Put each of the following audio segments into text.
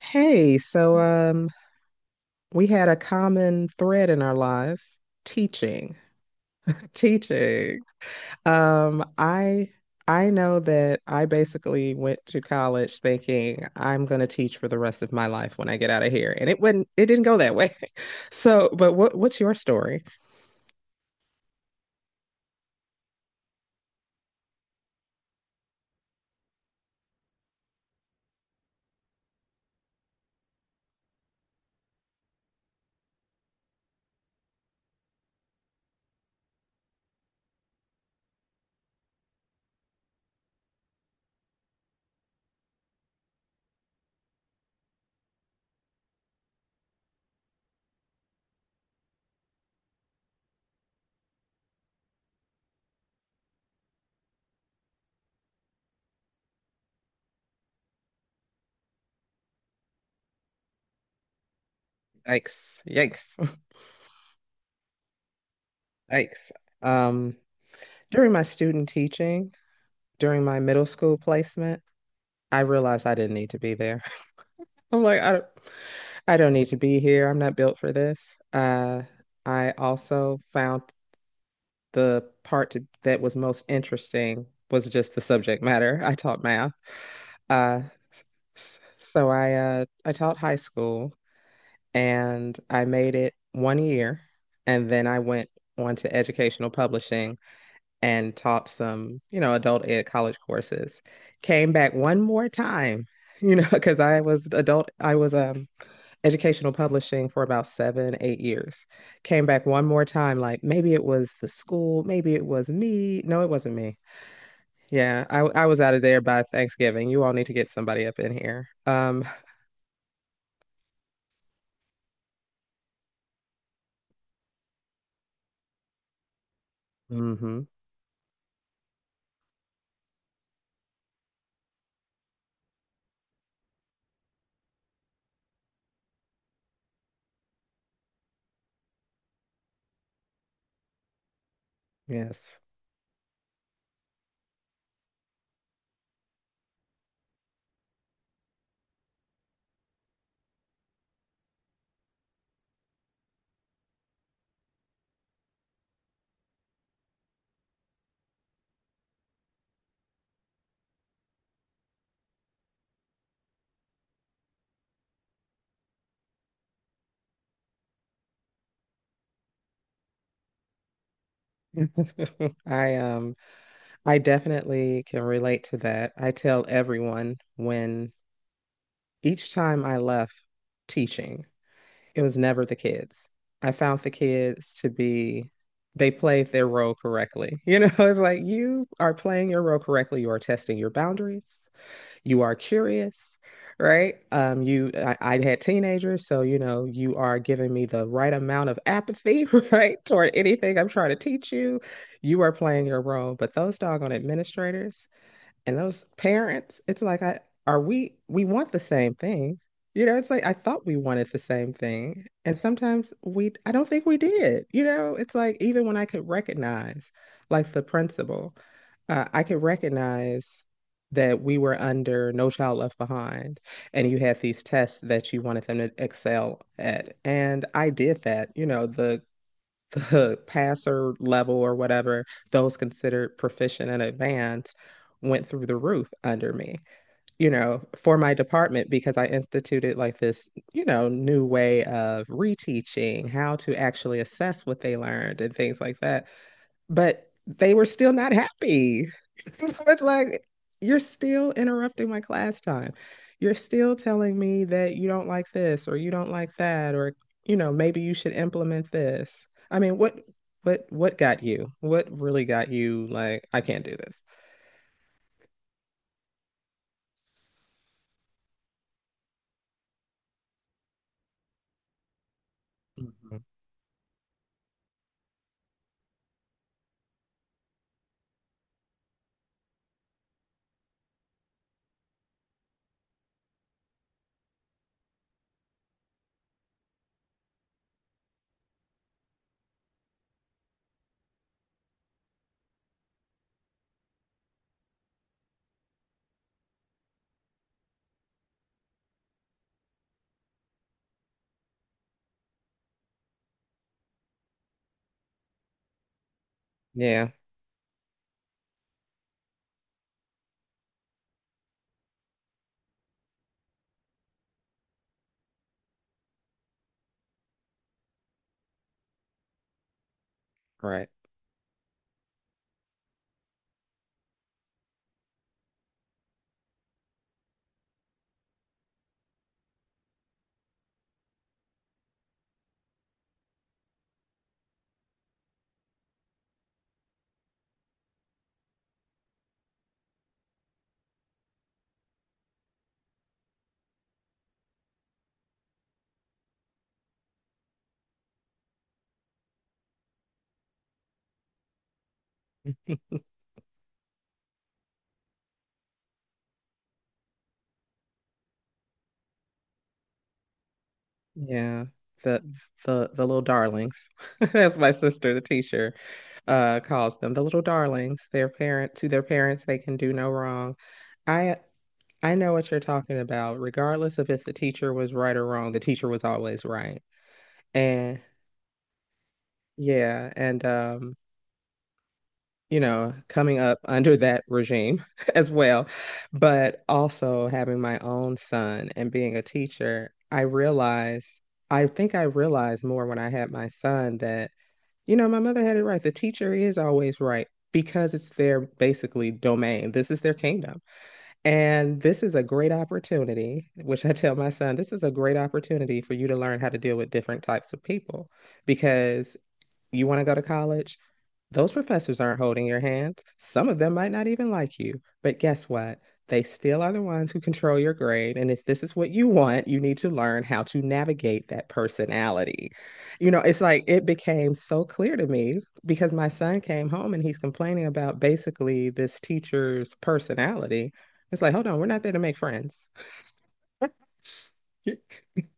Hey, we had a common thread in our lives, teaching, teaching. Um, I I know that I basically went to college thinking I'm going to teach for the rest of my life when I get out of here, and it didn't go that way. So, but what's your story? Yikes, yikes, yikes. Um, during my student teaching, during my middle school placement, I realized I didn't need to be there. I'm like, I don't. I don't need to be here. I'm not built for this. I also found that was most interesting was just the subject matter. I taught math. Uh, I taught high school and I made it one year, and then I went on to educational publishing and taught some, you know, adult ed college courses. Came back one more time, you know, because I was adult. I was educational publishing for about 7, 8 years. Came back one more time, like maybe it was the school, maybe it was me. No, it wasn't me. Yeah, I was out of there by Thanksgiving. You all need to get somebody up in here. Mhm, yes. I um I definitely can relate to that. I tell everyone when each time I left teaching, it was never the kids. I found the kids to be, they played their role correctly. You know, it's like you are playing your role correctly. You are testing your boundaries. You are curious, right? I had teenagers, so you know, you are giving me the right amount of apathy, right, toward anything I'm trying to teach you. You are playing your role, but those doggone administrators, and those parents, it's like I are we want the same thing. You know, it's like I thought we wanted the same thing. And sometimes we I don't think we did. You know, it's like even when I could recognize like the principal, I could recognize that we were under No Child Left Behind and you had these tests that you wanted them to excel at. And I did that. You know, the passer level or whatever, those considered proficient and advanced went through the roof under me, you know, for my department because I instituted like this, you know, new way of reteaching, how to actually assess what they learned and things like that, but they were still not happy. It's like, you're still interrupting my class time. You're still telling me that you don't like this or you don't like that, or, you know, maybe you should implement this. I mean, what got you? What really got you like, I can't do this? Mhm. Yeah, right. Yeah. The, the little darlings, that's my sister, the teacher, calls them, the little darlings. Their parents, they can do no wrong. I I know what you're talking about. Regardless of if the teacher was right or wrong, the teacher was always right. And Yeah, and you know, coming up under that regime as well, but also having my own son and being a teacher, I think I realized more when I had my son that, you know, my mother had it right. The teacher is always right because it's their basically domain. This is their kingdom. And this is a great opportunity, which I tell my son, this is a great opportunity for you to learn how to deal with different types of people because you want to go to college, those professors aren't holding your hands. Some of them might not even like you. But guess what? They still are the ones who control your grade. And if this is what you want, you need to learn how to navigate that personality. You know, it's like it became so clear to me because my son came home and he's complaining about basically this teacher's personality. It's like, hold on, we're not there to make friends.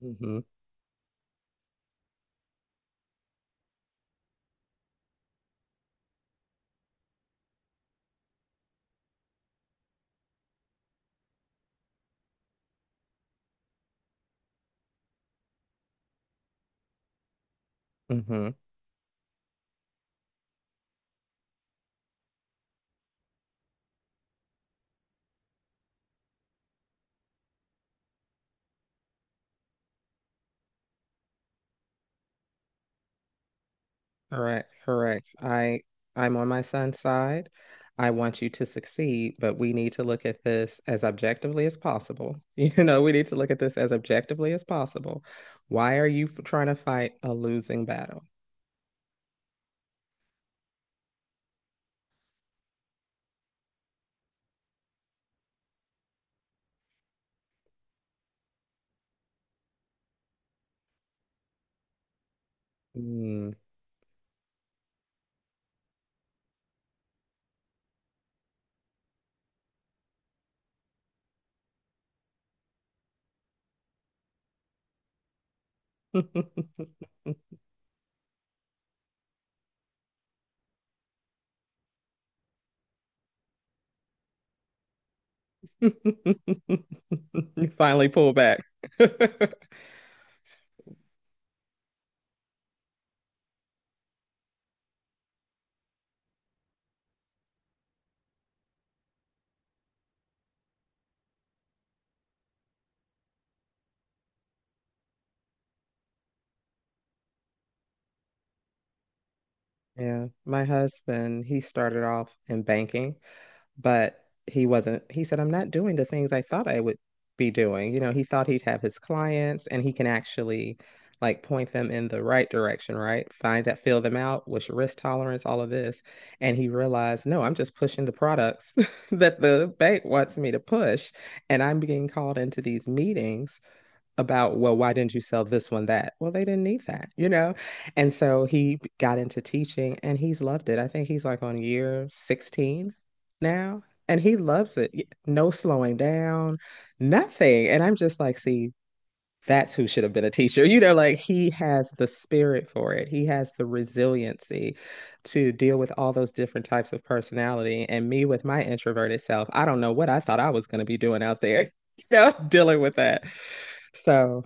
hmm hmm Correct, correct. I'm on my son's side. I want you to succeed, but we need to look at this as objectively as possible. You know, we need to look at this as objectively as possible. Why are you trying to fight a losing battle? Hmm. You finally pull back. Yeah, my husband, he started off in banking, but he wasn't. He said, I'm not doing the things I thought I would be doing. You know, he thought he'd have his clients and he can actually like point them in the right direction, right? Find that, fill them out, what's your risk tolerance, all of this. And he realized, no, I'm just pushing the products that the bank wants me to push. And I'm being called into these meetings about, well, why didn't you sell this one that? Well, they didn't need that, you know? And so he got into teaching and he's loved it. I think he's like on year 16 now and he loves it. No slowing down, nothing. And I'm just like, see, that's who should have been a teacher. You know, like he has the spirit for it. He has the resiliency to deal with all those different types of personality. And me with my introverted self, I don't know what I thought I was going to be doing out there, you know, dealing with that. So